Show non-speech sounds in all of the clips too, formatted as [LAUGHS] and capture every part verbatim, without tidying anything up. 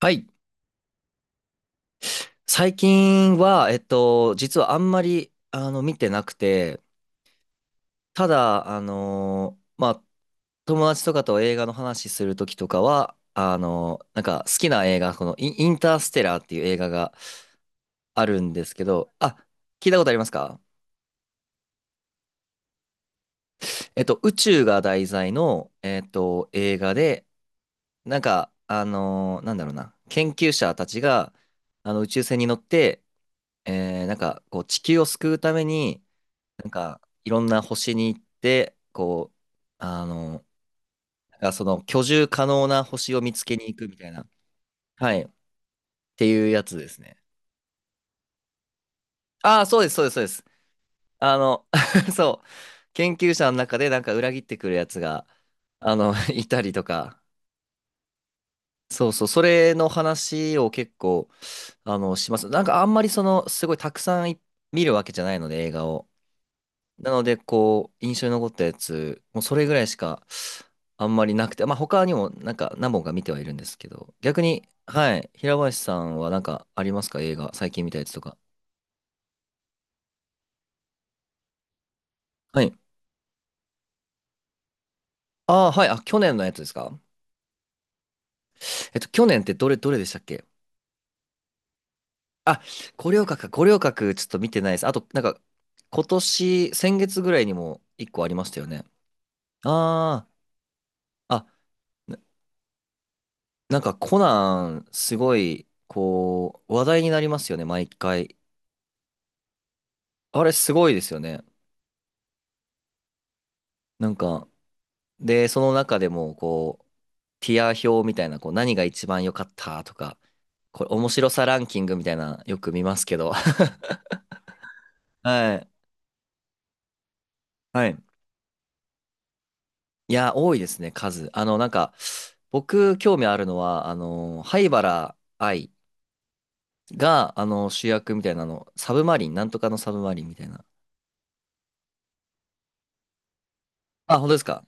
はい。最近は、えっと、実はあんまり、あの、見てなくて、ただ、あのーまあ、友達とかと映画の話するときとかは、あのーなんか好きな映画、このイン、インターステラーっていう映画があるんですけど、あ、聞いたことありますか？えっと、宇宙が題材の、えっと、映画で、なんか、あのーなんだろうな、研究者たちが、あの、宇宙船に乗って、えーなんか、こう、地球を救うために、なんか、いろんな星に行って、こう、あの、あその居住可能な星を見つけに行くみたいな。はい。っていうやつですね。ああ、そうです、そうです、そうです。あの、[LAUGHS] そう。研究者の中でなんか裏切ってくるやつが、あの、[LAUGHS] いたりとか。そうそう、それの話を結構、あの、します。なんかあんまりその、すごいたくさんい見るわけじゃないので、映画を。なので、こう、印象に残ったやつ、もうそれぐらいしかあんまりなくて、まあ他にもなんか何本か見てはいるんですけど、逆に、はい、平林さんはなんかありますか？映画、最近見たやつとか。はい。ああ、はい、あ、去年のやつですか？えっと、去年ってどれ、どれでしたっけ？あ、五稜郭か、五稜郭ちょっと見てないです。あと、なんか、今年、先月ぐらいにも一個ありましたよね。ああ、あ、な、なんかコナン、すごい、こう、話題になりますよね、毎回。あれすごいですよね。なんか、で、その中でも、こう、ティア表みたいな、こう、何が一番良かったとか、これ、面白さランキングみたいな、よく見ますけど。[LAUGHS] はい。はい。いや、多いですね、数。あの、なんか、僕、興味あるのは、あの、灰原哀が、あの、主役みたいなの、サブマリン、なんとかのサブマリンみたいな。あ、本当ですか？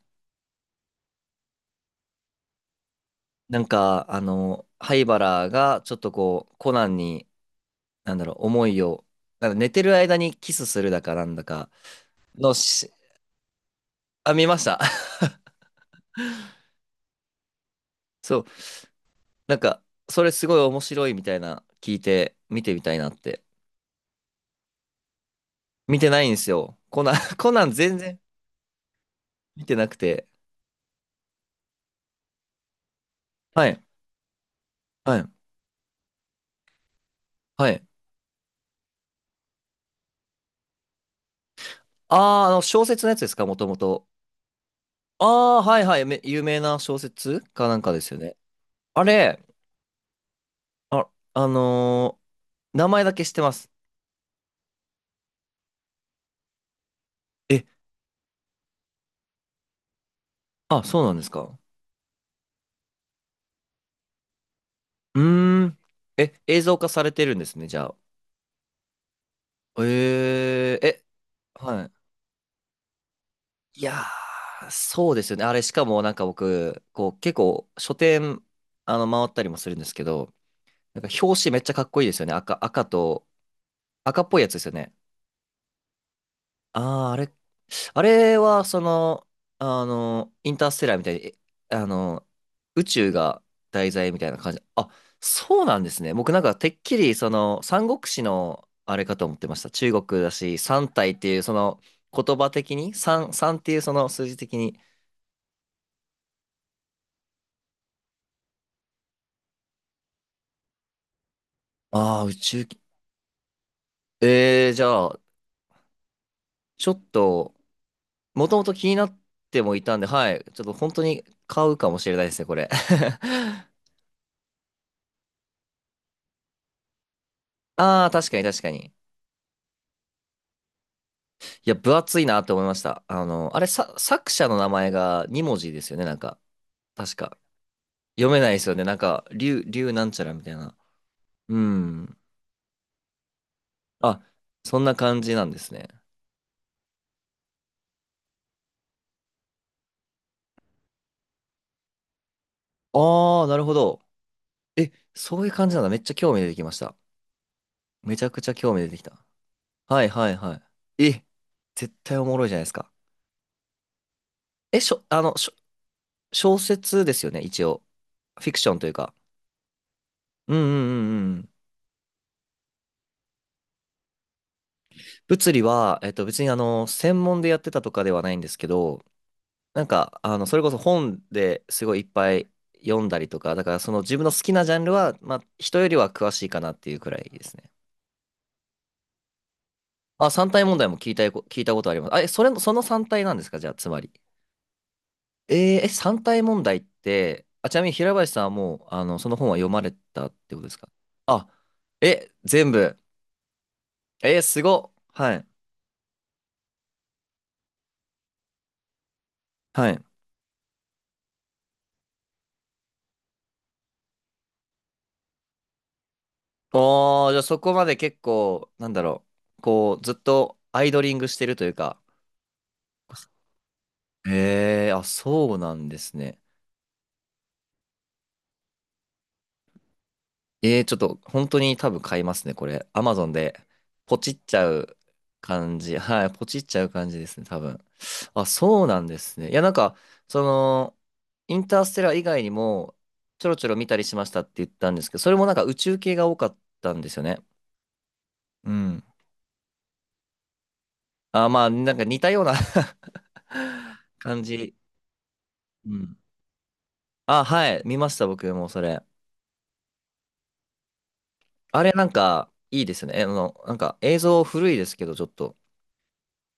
なんか、あの、灰原が、ちょっとこう、コナンに、なんだろう、思いを、なんか寝てる間にキスするだかなんだかのし、あ、見ました。[LAUGHS] そう、なんか、それすごい面白いみたいな聞いて、見てみたいなって。見てないんですよ。コナン、[LAUGHS] コナン全然見てなくて。はい、はい、はい。あー、あの、小説のやつですか、もともと。あー、はいはい、め有名な小説かなんかですよね。あれ、あ、あのー名前だけ知ってます。え、あ、そうなんですか。うーん。え、映像化されてるんですね、じゃあ。えええ、はい。いやー、そうですよね。あれ、しかもなんか僕、こう、結構、書店、あの、回ったりもするんですけど、なんか表紙めっちゃかっこいいですよね。赤、赤と、赤っぽいやつですよね。ああ、あれ、あれは、その、あの、インターステラーみたいに、えあの、宇宙が題材みたいな感じ。あ、そうなんですね。僕なんか、てっきり、その、三国志の、あれかと思ってました。中国だし、三体っていう、その、言葉的に、三、三っていう、その数字的に。ああ、宇宙き、えー、じゃあ、ちょっと、もともと気になってもいたんで、はい、ちょっと本当に買うかもしれないですね、これ。[LAUGHS] ああ、確かに確かに。いや、分厚いなって思いました。あの、あれ、さ、作者の名前が二文字ですよね、なんか。確か。読めないですよね。なんか、竜、竜なんちゃらみたいな。うん。あ、そんな感じなんですね。ああなるほど。え、そういう感じなんだ。めっちゃ興味出てきました。めちゃくちゃ興味出てきた。はいはいはい。え、絶対おもろいじゃないですか。え、しょ、あの、しょ、小説ですよね、一応。フィクションというか。うんうんうんうん。物理は、えっと、別にあの、専門でやってたとかではないんですけど、なんか、あの、それこそ本ですごいいっぱい読んだりとか、だからその自分の好きなジャンルは、まあ、人よりは詳しいかなっていうくらいですね。あ、三体問題も聞いたこ、聞いたことあります。あ、え、それ、その三体なんですかじゃあ、つまり。えーえ、三体問題って、あ、ちなみに平林さんはもう、あの、その本は読まれたってことですか？あ、え、全部。えーすごっ。はい。はい。おー、じゃあそこまで結構、なんだろう。こう、ずっとアイドリングしてるというか、ええあ、そうなんですね。ええちょっと本当に多分買いますね、これ。アマゾンでポチっちゃう感じ。[LAUGHS] はい、ポチっちゃう感じですね、多分。あ、そうなんですね。いや、なんか、その、インターステラー以外にも、ちょろちょろ見たりしましたって言ったんですけど、それもなんか宇宙系が多かったんですよね。うん。あ、まあ、なんか似たような [LAUGHS] 感じ。うん。あ、はい、見ました、僕もそれ。あれなんか、いいですね。あの、なんか映像古いですけど、ちょっと。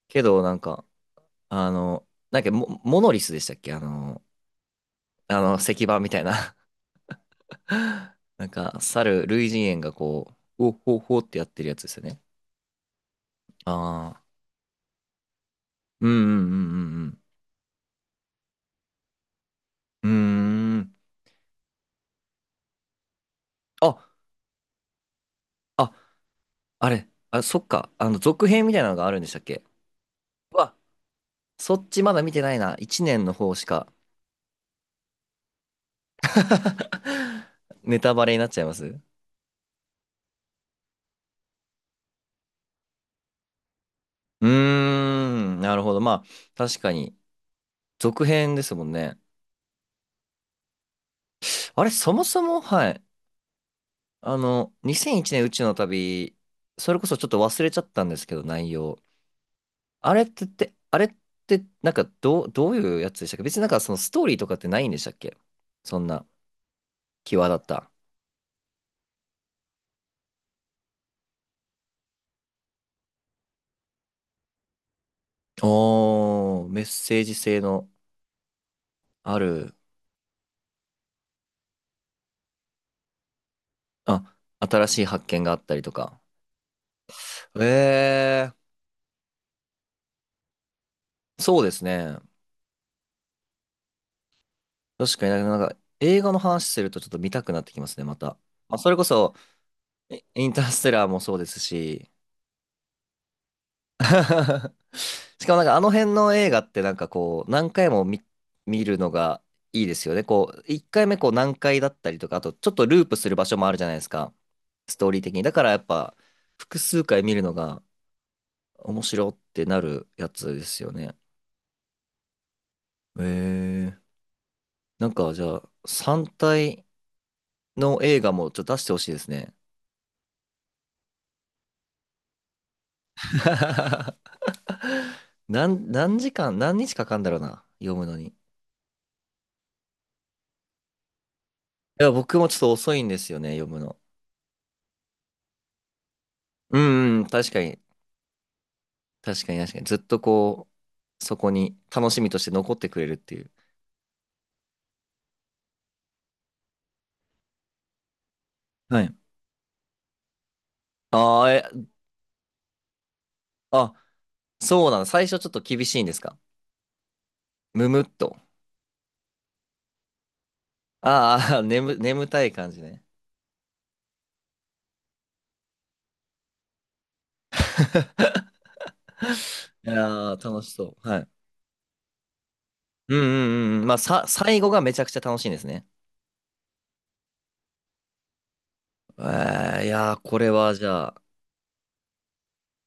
けど、なんか、あの、なんかモ、モノリスでしたっけ？あの、あの、石板みたいな [LAUGHS] なんか、猿、類人猿がこう、おほほってやってるやつですよね。ああ、うんうんうんうんうん。うーん。あ、あ、あれ、あ、そっか。あの、続編みたいなのがあるんでしたっけ？うわ、そっちまだ見てないな。いちねんの方しか [LAUGHS] ネタバレになっちゃいますうーん、なるほど。まあ、確かに、続編ですもんね。あれ、そもそも、はい。あの、にせんいちねん宇宙の旅、それこそちょっと忘れちゃったんですけど、内容。あれってって、あれって、なんか、どう、どういうやつでしたっけ？別になんか、そのストーリーとかってないんでしたっけ？そんな、際立った。おー、メッセージ性のある、あ、新しい発見があったりとか。えー、そうですね。確かになんか映画の話するとちょっと見たくなってきますね、また。まあ、それこそ、イインターステラーもそうですし、[LAUGHS] しかもなんかあの辺の映画ってなんかこう、何回も見、見るのがいいですよね。こう、いっかいめこう何回だったりとか、あとちょっとループする場所もあるじゃないですか、ストーリー的に。だからやっぱ、複数回見るのが面白ってなるやつですよね。へえ。なんかじゃあ、さん体の映画もちょっと出してほしいですね。[LAUGHS] なん、何時間、何日かかんだろうな。読むのに。いや、僕もちょっと遅いんですよね、読むの。うんうん、確かに。確かに確かに。ずっとこう、そこに楽しみとして残ってくれるっていう。はい。ああ、え、あ、そうなの。最初ちょっと厳しいんですか？むむっと。あーあー、眠、眠たい感じね。[LAUGHS] いやー、楽しそう。はい。うんうんうんうん。まあ、さ、最後がめちゃくちゃ楽しいんですね。えー、いやー、これはじゃあ、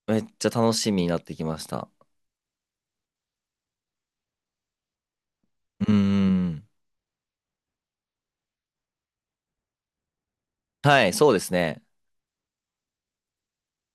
めっちゃ楽しみになってきました。うーん。はい、そうですね。